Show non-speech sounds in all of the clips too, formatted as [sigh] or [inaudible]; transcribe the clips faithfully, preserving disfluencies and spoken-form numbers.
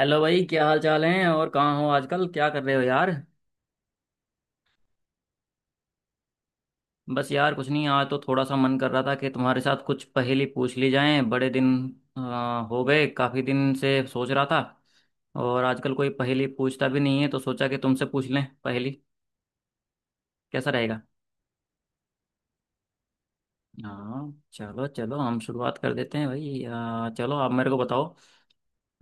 Hello भाई, क्या हाल चाल है? और कहाँ हो आजकल, क्या कर रहे हो यार? बस यार कुछ नहीं, आज तो थोड़ा सा मन कर रहा था कि तुम्हारे साथ कुछ पहेली पूछ ली जाए। बड़े दिन आ, हो गए। काफी दिन से सोच रहा था। और आजकल कोई पहेली पूछता भी नहीं है तो सोचा कि तुमसे पूछ लें पहेली। कैसा रहेगा? हाँ चलो चलो, हम शुरुआत कर देते हैं भाई। आ, चलो आप मेरे को बताओ।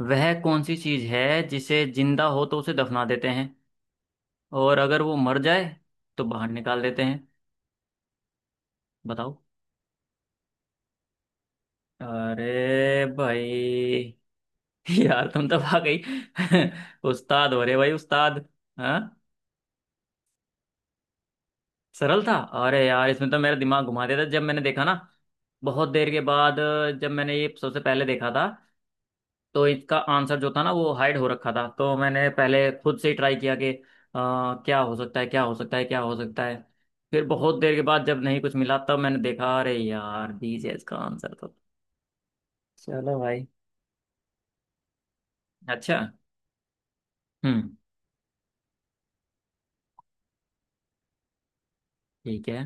वह कौन सी चीज है जिसे जिंदा हो तो उसे दफना देते हैं, और अगर वो मर जाए तो बाहर निकाल देते हैं? बताओ। अरे भाई! [laughs] यार तुम तो आ गई। [laughs] उस्ताद हो रहे भाई, उस्ताद। हाँ। सरल था। अरे यार, इसमें तो मेरा दिमाग घुमा देता जब मैंने देखा ना। बहुत देर के बाद, जब मैंने ये सबसे पहले देखा था, तो इसका आंसर जो था ना वो हाइड हो रखा था। तो मैंने पहले खुद से ही ट्राई किया कि आ, क्या हो सकता है, क्या हो सकता है, क्या हो सकता है। फिर बहुत देर के बाद जब नहीं कुछ मिला, तब मैंने देखा अरे यार दीजिए इसका आंसर तो। चलो भाई। अच्छा। हम्म। ठीक है।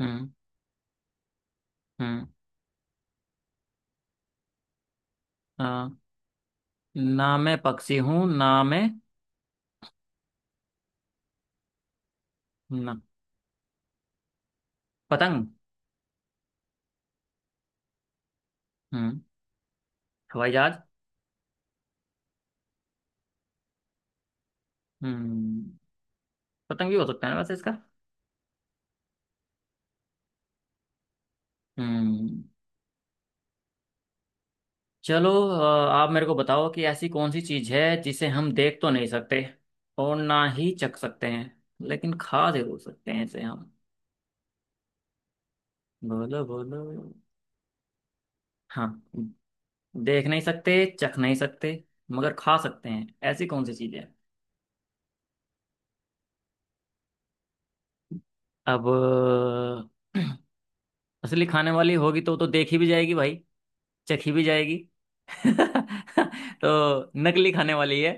हम्म। हम्म। आ, ना मैं पक्षी हूँ ना मैं, ना। पतंग। हम्म। हवाई जहाज। हम्म। पतंग भी हो सकता है ना वैसे इसका। हम्म। चलो आ, आप मेरे को बताओ कि ऐसी कौन सी चीज है जिसे हम देख तो नहीं सकते, और ना ही चख सकते हैं, लेकिन खा जरूर सकते हैं इसे हम। बोलो बोलो। हाँ। देख नहीं सकते, चख नहीं सकते, मगर खा सकते हैं। ऐसी कौन सी चीज है? अब। [clears throat] असली खाने वाली होगी तो तो देखी भी जाएगी भाई। चखी भी जाएगी। [laughs] तो नकली खाने वाली है।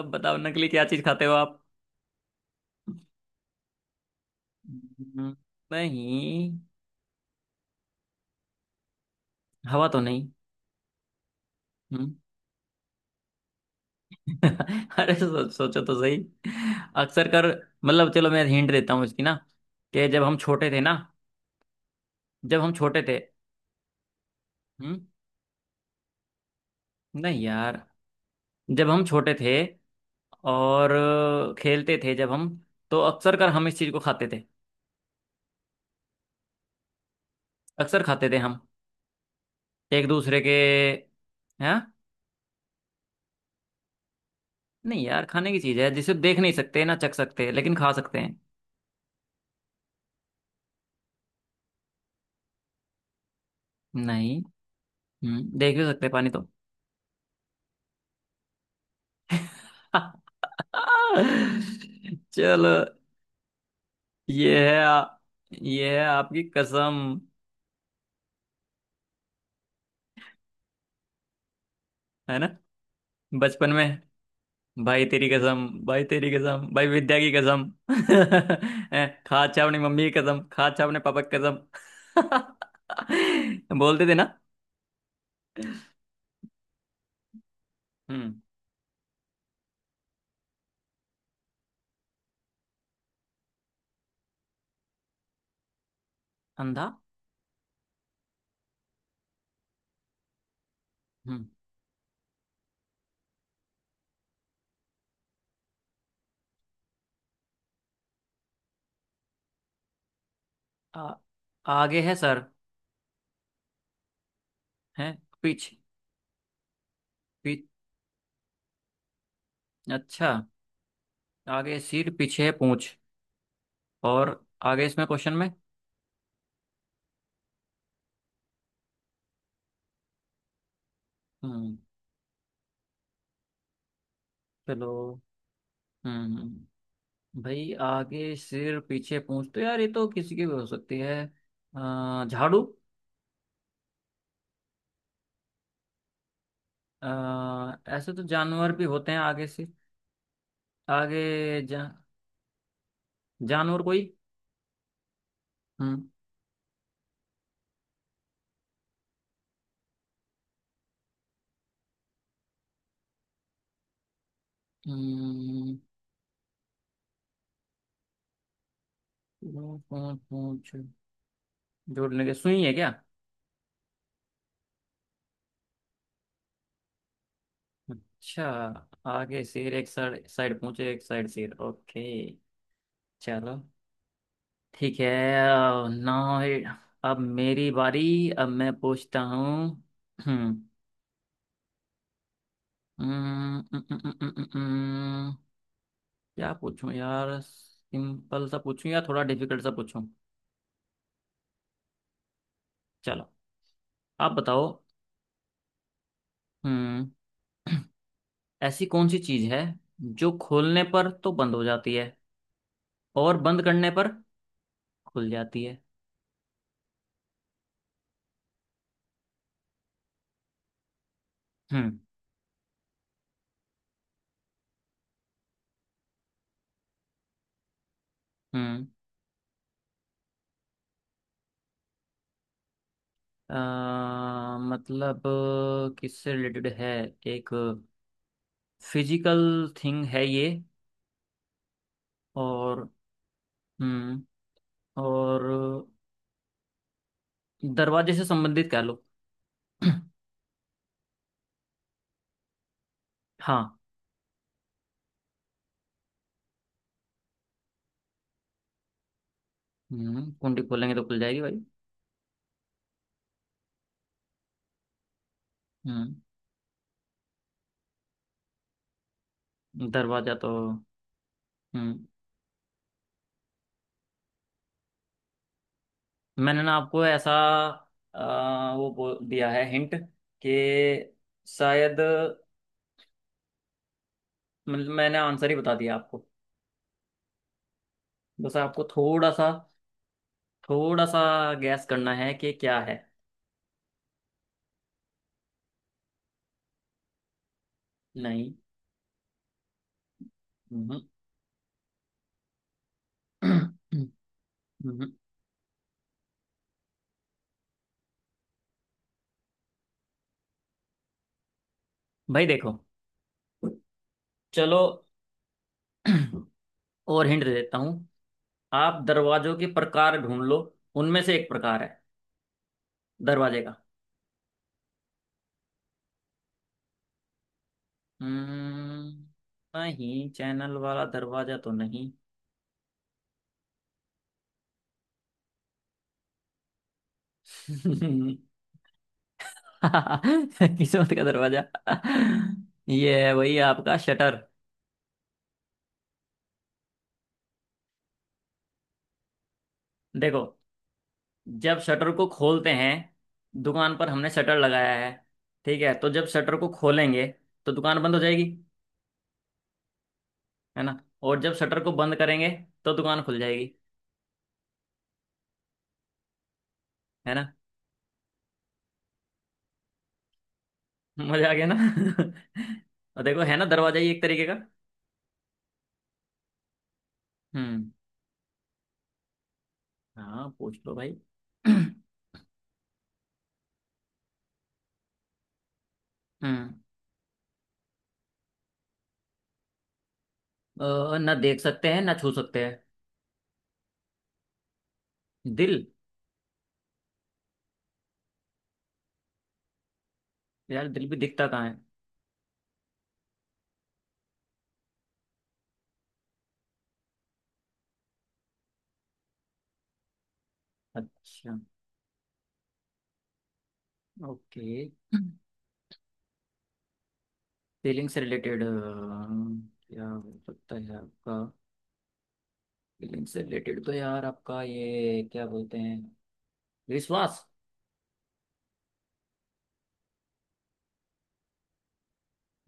अब बताओ नकली क्या चीज खाते हो आप। हम्म, नहीं। हवा तो नहीं। हम्म। [laughs] अरे सो, सोचो तो सही। अक्सर कर, मतलब चलो मैं हिंट देता हूँ इसकी ना। कि जब हम छोटे थे ना। जब हम छोटे थे। हम्म। नहीं यार। जब हम छोटे थे और खेलते थे जब हम, तो अक्सर कर हम इस चीज को खाते थे। अक्सर खाते थे हम एक दूसरे के। हैं? नहीं यार, खाने की चीज है जिसे देख नहीं सकते, ना चख सकते, लेकिन खा सकते हैं। नहीं। हम्म, देख भी सकते हैं पानी तो। [laughs] चलो। ये है आ, ये है आपकी कसम। है ना? बचपन में। भाई तेरी कसम, भाई तेरी कसम, भाई विद्या की कसम। [laughs] हैं, खा। अच्छा अपनी मम्मी की कसम खा, अच्छा अपने पापा की कसम। [laughs] बोलते थे ना। हम्म। अंधा। हम्म। आ, आगे है सर, है पीछे, पीछे। अच्छा। आगे सिर पीछे पूंछ। और आगे इसमें क्वेश्चन में। हम्म। चलो। हम्म। हम्म। भाई, आगे सिर पीछे पूंछ तो यार ये तो किसी की भी हो सकती है। अ, झाड़ू। आ, ऐसे तो जानवर भी होते हैं आगे से। आगे जा, जानवर कोई। हम्म। हम्म। पूंछ! पूंछ पूंछ। जोड़ने के सुई है क्या? अच्छा। आगे सिर एक साइड, साइड पूंछ एक साइड सिर। ओके। चलो। ठीक है। नाउ। अब मेरी बारी, अब मैं पूछता हूँ। हम्म। हम्म, हम्म, हम्म, हम्म, हम्म, हम्म। क्या पूछूं यार, सिंपल सा पूछूं या थोड़ा डिफिकल्ट सा पूछूं? चलो आप बताओ। हम्म। ऐसी कौन सी चीज़ है जो खोलने पर तो बंद हो जाती है, और बंद करने पर खुल जाती है? हम्म। हम्म। अ, मतलब किससे रिलेटेड है, एक फिजिकल थिंग है ये। और हम्म और दरवाजे से संबंधित कह लो। [clears throat] हाँ। हम्म। कुंडी खोलेंगे तो खुल जाएगी भाई। हम्म। दरवाजा तो। हम्म। मैंने ना आपको ऐसा अ, वो बो- दिया है हिंट कि शायद, मतलब मैंने आंसर ही बता दिया आपको। बस आपको थोड़ा सा थोड़ा सा गैस करना है कि क्या है। नहीं। हम्म, [clears throat] हम्म, भाई देखो। चलो। [clears throat] और हिंट दे देता हूँ। आप दरवाजों के प्रकार ढूंढ लो। उनमें से एक प्रकार है दरवाजे का। हम्म। नहीं, चैनल वाला दरवाजा तो नहीं। [laughs] किस्मत का दरवाजा। ये है वही आपका शटर। देखो, जब शटर को खोलते हैं, दुकान पर हमने शटर लगाया है, ठीक है? तो जब शटर को खोलेंगे तो दुकान बंद हो जाएगी। है ना? और जब शटर को बंद करेंगे तो दुकान खुल जाएगी। है ना? [laughs] मजा आ गया ना। [laughs] और देखो, है ना, दरवाजा ही एक तरीके का। हम्म। हाँ, पूछ लो भाई। [clears throat] हम्म। अ, ना देख सकते हैं ना छू सकते हैं। दिल। यार दिल भी दिखता कहाँ है। अच्छा। ओके। फीलिंग से रिलेटेड क्या हो सकता है आपका? फीलिंग से रिलेटेड तो यार आपका ये क्या बोलते हैं, विश्वास।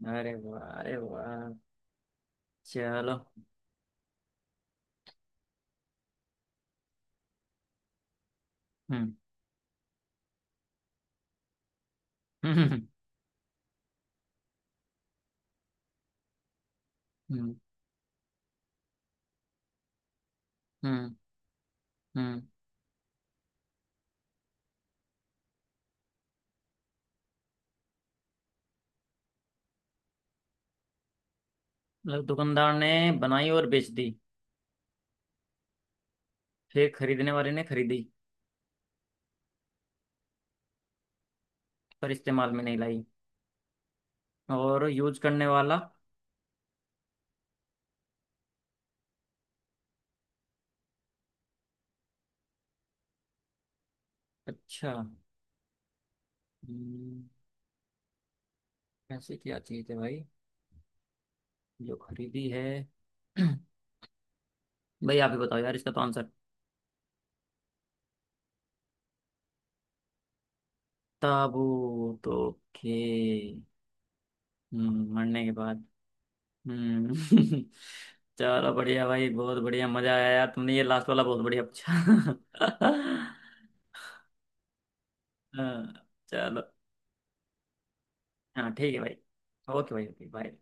अरे वाह! अरे वाह! चलो। हम्म। [laughs] हम्म। हम्म। हम्म। हम्म। मतलब दुकानदार ने बनाई और बेच दी। फिर खरीदने वाले ने खरीदी, पर इस्तेमाल में नहीं लाई। और यूज करने वाला। अच्छा। हम्म, ऐसी क्या चीज है भाई जो खरीदी है? [clears throat] भाई आप ही बताओ यार इसका तो आंसर। ताबूत! ओके। हम्म। मरने के बाद। हम्म। [laughs] चलो बढ़िया भाई, बहुत बढ़िया। मजा आया यार, तुमने ये लास्ट वाला बहुत बढ़िया पूछा। [laughs] हाँ, चलो। हाँ ठीक है भाई। ओके भाई, ओके, बाय।